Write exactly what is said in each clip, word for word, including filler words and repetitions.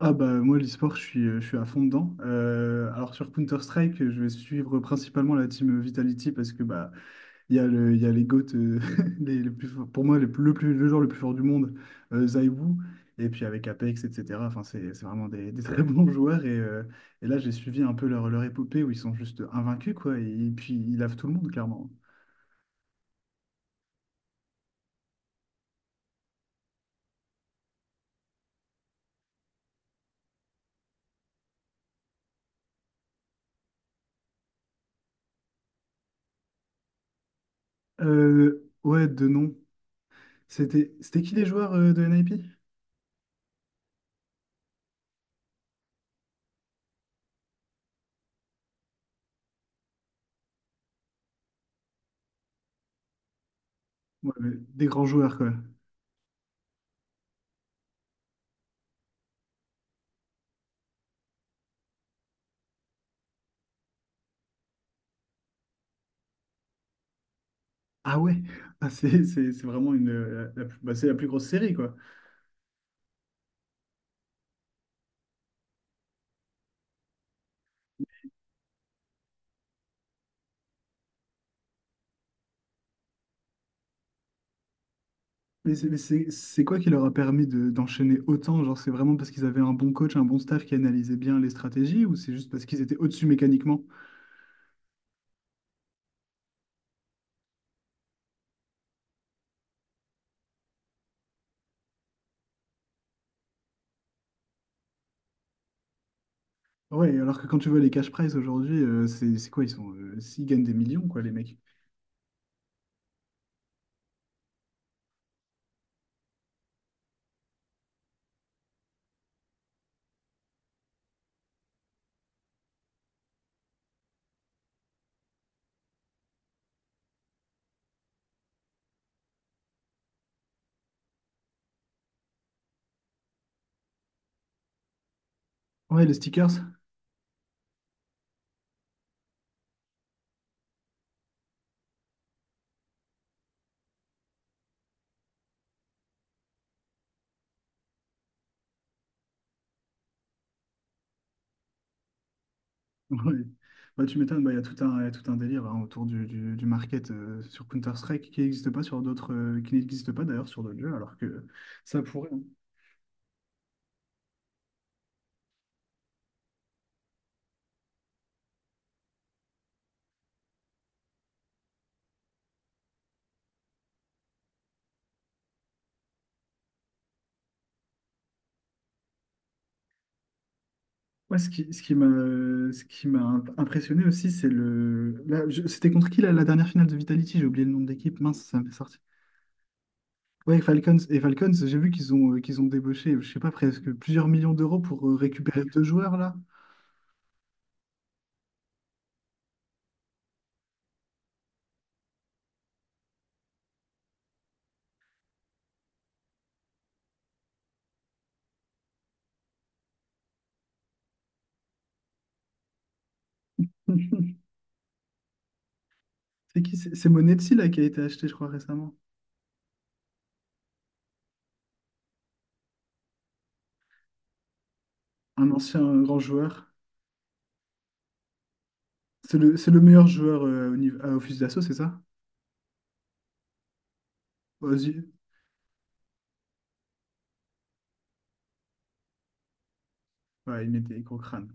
Ah bah moi l'e-sport je suis, je suis à fond dedans. Euh, alors sur Counter-Strike je vais suivre principalement la team Vitality parce que bah il y a le, il y a les GOAT euh, les, les plus forts- pour moi les plus- le, plus, le joueur le plus fort du monde euh, Zai Wu. Et puis avec Apex et cetera. Enfin c'est c'est vraiment des, des très bons joueurs et, euh, et là j'ai suivi un peu leur, leur épopée où ils sont juste invaincus quoi, et puis ils lavent tout le monde clairement. Euh, ouais, de nom. C'était c'était qui les joueurs euh, de N I P? Ouais, mais des grands joueurs quoi. Ah ouais, ah, c'est c'est- c'est vraiment une, euh, la, la plus- bah, c'est la plus grosse série, quoi. Mais c'est mais c'est- c'est quoi qui leur a permis de- d'enchaîner autant? Genre, c'est vraiment parce qu'ils avaient un bon coach, un bon staff qui analysait bien les stratégies, ou c'est juste parce qu'ils étaient au-dessus mécaniquement? Ouais, alors que quand tu vois les cash prizes aujourd'hui, euh, c'est c'est quoi? Ils sont, euh, ils gagnent des millions, quoi, les mecs. Ouais, les stickers. Ouais. Bah, tu m'étonnes, bah, il y a tout un, il y a tout un délire, hein, autour du, du, du market euh, sur Counter-Strike qui n'existe pas sur d'autres, euh, qui n'existe pas d'ailleurs sur d'autres jeux, alors que ça pourrait, hein. Ouais, ce qui, ce qui m'a, ce qui m'a imp- impressionné aussi, c'est le. Là, je- C'était contre qui la, la dernière finale de Vitality? J'ai oublié le nom de l'équipe. Mince, ça m'est sorti. Ouais, Falcons. Et Falcons, j'ai vu qu'ils ont, euh, qu'ils ont débauché, je sais pas, presque plusieurs millions d'euros pour euh, récupérer deux joueurs, là. C'est qui? C'est c'est Monetsi, là, qui a été acheté, je crois, récemment. Un ancien euh, grand joueur. C'est le, c'est le meilleur joueur euh, au niveau, à Office d'Assaut, c'est ça? Aux yeux- Ouais, il met des gros crânes.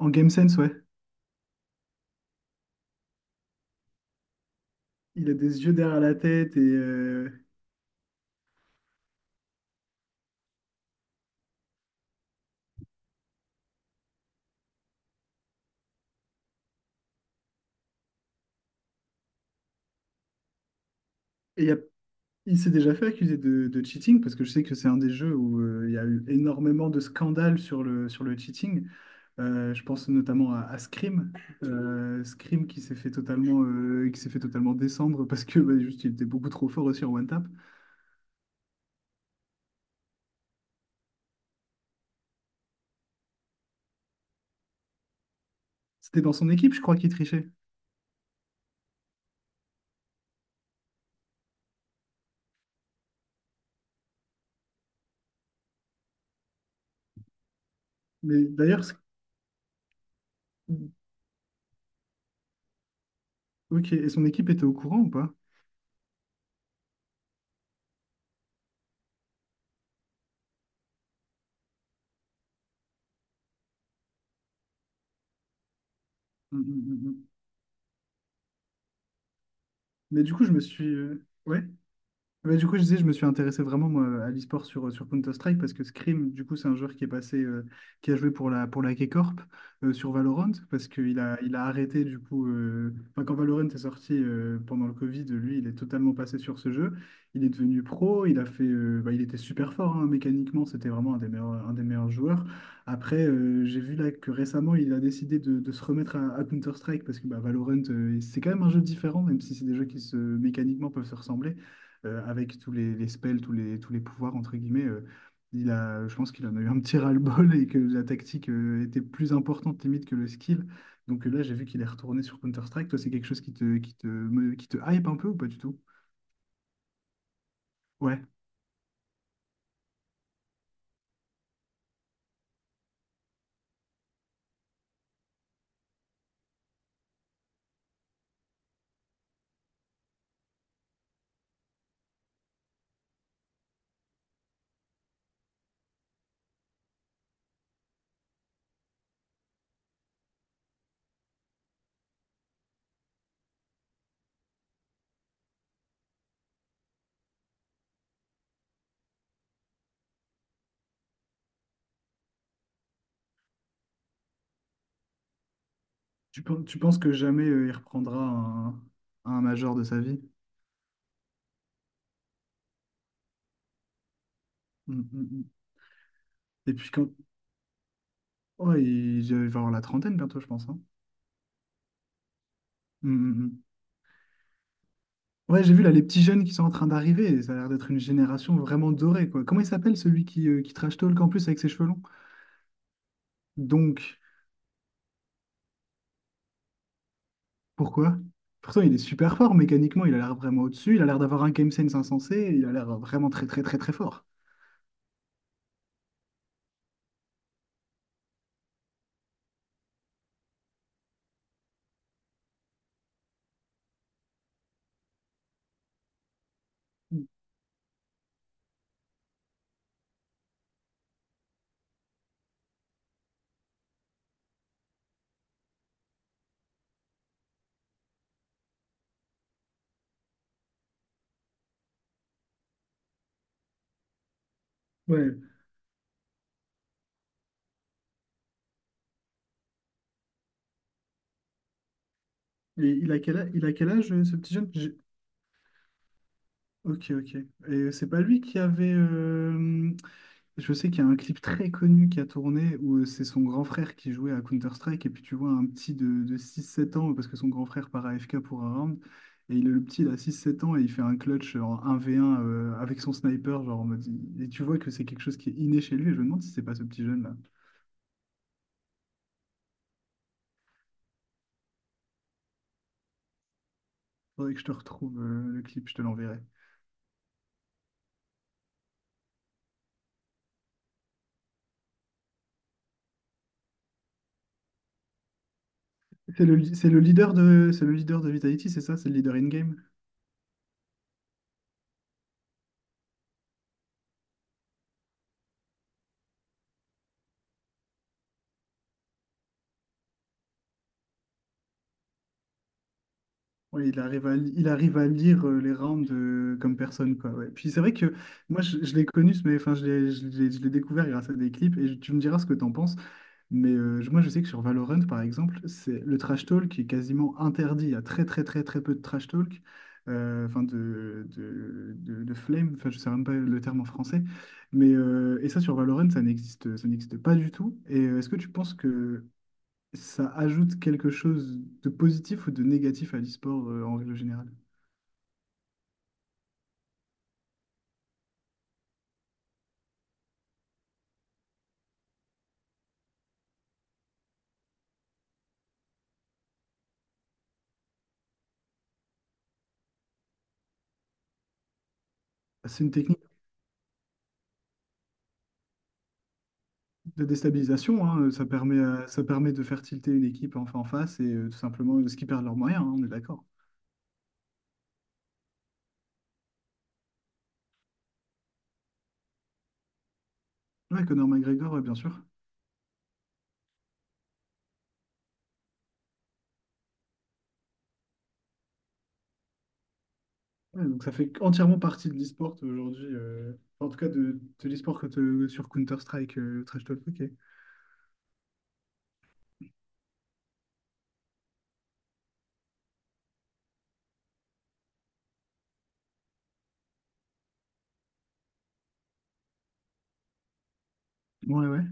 En Game Sense, ouais. Il a des yeux derrière la tête. et il Il s'est déjà fait accuser de, de cheating parce que je sais que c'est un des jeux où euh, il y a eu énormément de scandales sur le, sur le cheating. Euh, je pense notamment à, à Scream, Euh, Scream qui s'est fait totalement, euh, qui s'est fait totalement descendre parce que bah, juste il était beaucoup trop fort aussi en one tap. C'était dans son équipe, je crois, qui trichait. Mais d'ailleurs, c'est- Ok, et son équipe était au courant ou pas? Mm, mm, mm, mm. Mais du coup, je me suis, euh, ouais. Mais du coup, je disais, je me suis intéressé vraiment moi, à l'e-sport sur, sur Counter-Strike parce que Scream, du coup, c'est un joueur qui est passé, euh, qui a joué pour la, pour la K-Corp euh, sur Valorant parce qu'il a, il a arrêté, du coup, euh, enfin, quand Valorant est sorti euh, pendant le Covid, lui, il est totalement passé sur ce jeu. Il est devenu pro, il a fait, euh, bah, il était super fort, hein, mécaniquement, c'était vraiment un des meilleurs, un des meilleurs joueurs. Après, euh, j'ai vu là que récemment, il a décidé de, de se remettre à, à Counter-Strike parce que bah, Valorant, euh, c'est quand même un jeu différent, même si c'est des jeux qui se, mécaniquement peuvent se ressembler euh, avec tous les, les spells, tous les, tous les pouvoirs, entre guillemets, euh, il a, je pense qu'il en a eu un petit ras-le-bol et que la tactique euh, était plus importante limite que le skill. Donc euh, là, j'ai vu qu'il est retourné sur Counter-Strike. Toi, c'est quelque chose qui te, qui te, me- qui te hype un peu ou pas du tout? Ouais. Tu, pen- tu penses que jamais euh, il reprendra un, un major de sa vie? Mm, mm, mm. Et puis quand. Ouais, il il va avoir la trentaine bientôt, je pense, hein. Mm, mm, mm. Ouais, j'ai vu là les petits jeunes qui sont en train d'arriver, et ça a l'air d'être une génération vraiment dorée, quoi. Comment il s'appelle celui qui, euh, qui trash talk en plus avec ses cheveux longs? Donc, pourquoi? Pourtant, il est super fort mécaniquement. Il a l'air vraiment au-dessus. Il a l'air d'avoir un game sense insensé. Il a l'air vraiment très, très, très, très fort. Ouais. Et il a quel âge, il a quel âge euh, ce petit jeune? J'ai- Ok, ok. Et c'est pas lui qui avait. euh, Je sais qu'il y a un clip très connu qui a tourné où euh, c'est son grand frère qui jouait à Counter-Strike et puis tu vois un petit de, de six sept ans parce que son grand frère part A F K pour un round et il, le petit il a six sept ans et il fait un clutch en un v un euh, avec son sniper. Genre en mode- et tu vois que c'est quelque chose qui est inné chez lui et je me demande si c'est pas ce petit jeune là. Faudrait que je te retrouve euh, le clip, je te l'enverrai. C'est le, c'est le leader de c'est le leader de Vitality, c'est ça? C'est le leader in-game? Oui, il arrive à, li- il arrive à lire euh, les rounds euh, comme personne, quoi. Ouais. Puis c'est vrai que moi, je, je l'ai connu, ce- mais enfin, je l'ai je l'ai- je l'ai découvert grâce à des clips, et je- tu me diras ce que t'en penses. Mais euh, je- moi, je sais que sur Valorant, par exemple, c'est le trash talk qui est quasiment interdit. Il y a très, très, très, très peu de trash talk, euh, enfin de, de, de, de flame, enfin, je sais même pas le terme en français. Mais, euh, et ça, sur Valorant, ça n'existe, ça n'existe pas du tout. Et euh, est-ce que tu penses que ça ajoute quelque chose de positif ou de négatif à l'e-sport euh, en règle générale? Bah, C'est une technique de déstabilisation, hein, euh, ça permet, à- ça permet de faire tilter une équipe en, en face et euh, tout simplement ce qui perdent leurs moyens, hein, on est d'accord. Ouais, Conor McGregor, ouais, bien sûr. Ouais, donc ça fait entièrement partie de l'e-sport aujourd'hui, euh, en tout cas de, de l'e-sport que te- sur Counter-Strike, euh, Trash Talk, ok. Ouais, ouais.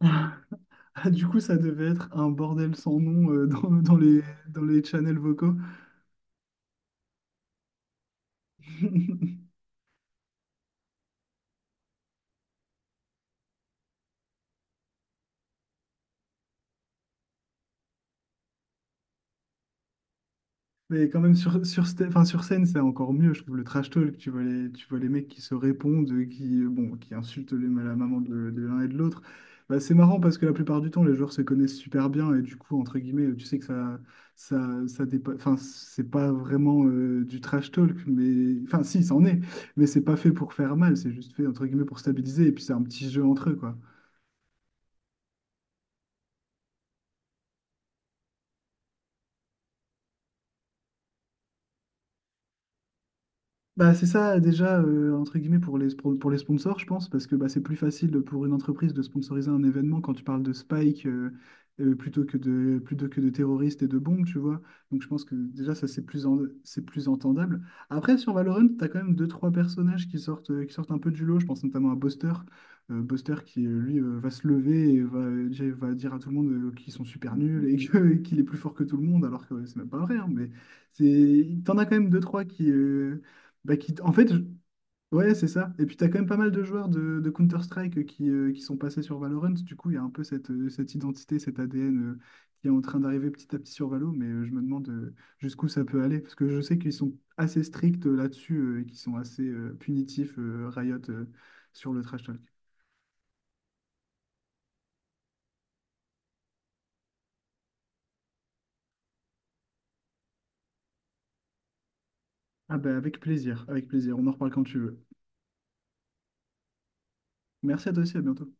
Ah, du coup, ça devait être un bordel sans nom euh, dans, dans les, dans les channels vocaux. Mais quand même, sur, sur, sta- enfin, sur scène, c'est encore mieux, je trouve, le trash talk. Tu vois les, tu vois les mecs qui se répondent, euh, qui, euh, bon, qui insultent les- la maman de, de l'un et de l'autre. Bah, c'est marrant parce que la plupart du temps, les joueurs se connaissent super bien et du coup, entre guillemets, tu sais que ça, ça, ça dépa- Enfin, c'est pas vraiment euh, du trash talk, mais... Enfin, si, c'en est, mais c'est pas fait pour faire mal, c'est juste fait, entre guillemets, pour stabiliser et puis c'est un petit jeu entre eux, quoi. Bah, c'est ça déjà, euh, entre guillemets, pour les, pour, pour les sponsors, je pense, parce que bah, c'est plus facile pour une entreprise de sponsoriser un événement quand tu parles de Spike euh, euh, plutôt que de, plutôt que de terroristes et de bombes, tu vois. Donc je pense que déjà, ça, c'est plus, en- c'est plus entendable. Après, sur Valorant, tu as quand même deux, trois personnages qui sortent, euh, qui sortent un peu du lot. Je pense notamment à Buster. Euh, Buster qui, euh, lui, euh, va se lever et va, euh, dire- va dire à tout le monde euh, qu'ils sont super nuls et que- qu'il est plus fort que tout le monde, alors que ouais, c'est même pas vrai, hein, mais c'est t'en as quand même deux trois qui, euh, bah, qui, en fait, je- ouais, c'est ça. Et puis, tu as quand même pas mal de joueurs de, de Counter-Strike qui, euh, qui sont passés sur Valorant. Du coup, il y a un peu cette, euh, cette identité, cet A D N euh, qui est en train d'arriver petit à petit sur Valo. Mais euh, je me demande euh, jusqu'où ça peut aller. Parce que je sais qu'ils sont assez stricts euh, là-dessus euh, et qu'ils sont assez euh, punitifs, euh, Riot, euh, sur le trash talk. Ah, bah, avec plaisir, avec plaisir. On en reparle quand tu veux. Merci à toi aussi, à bientôt.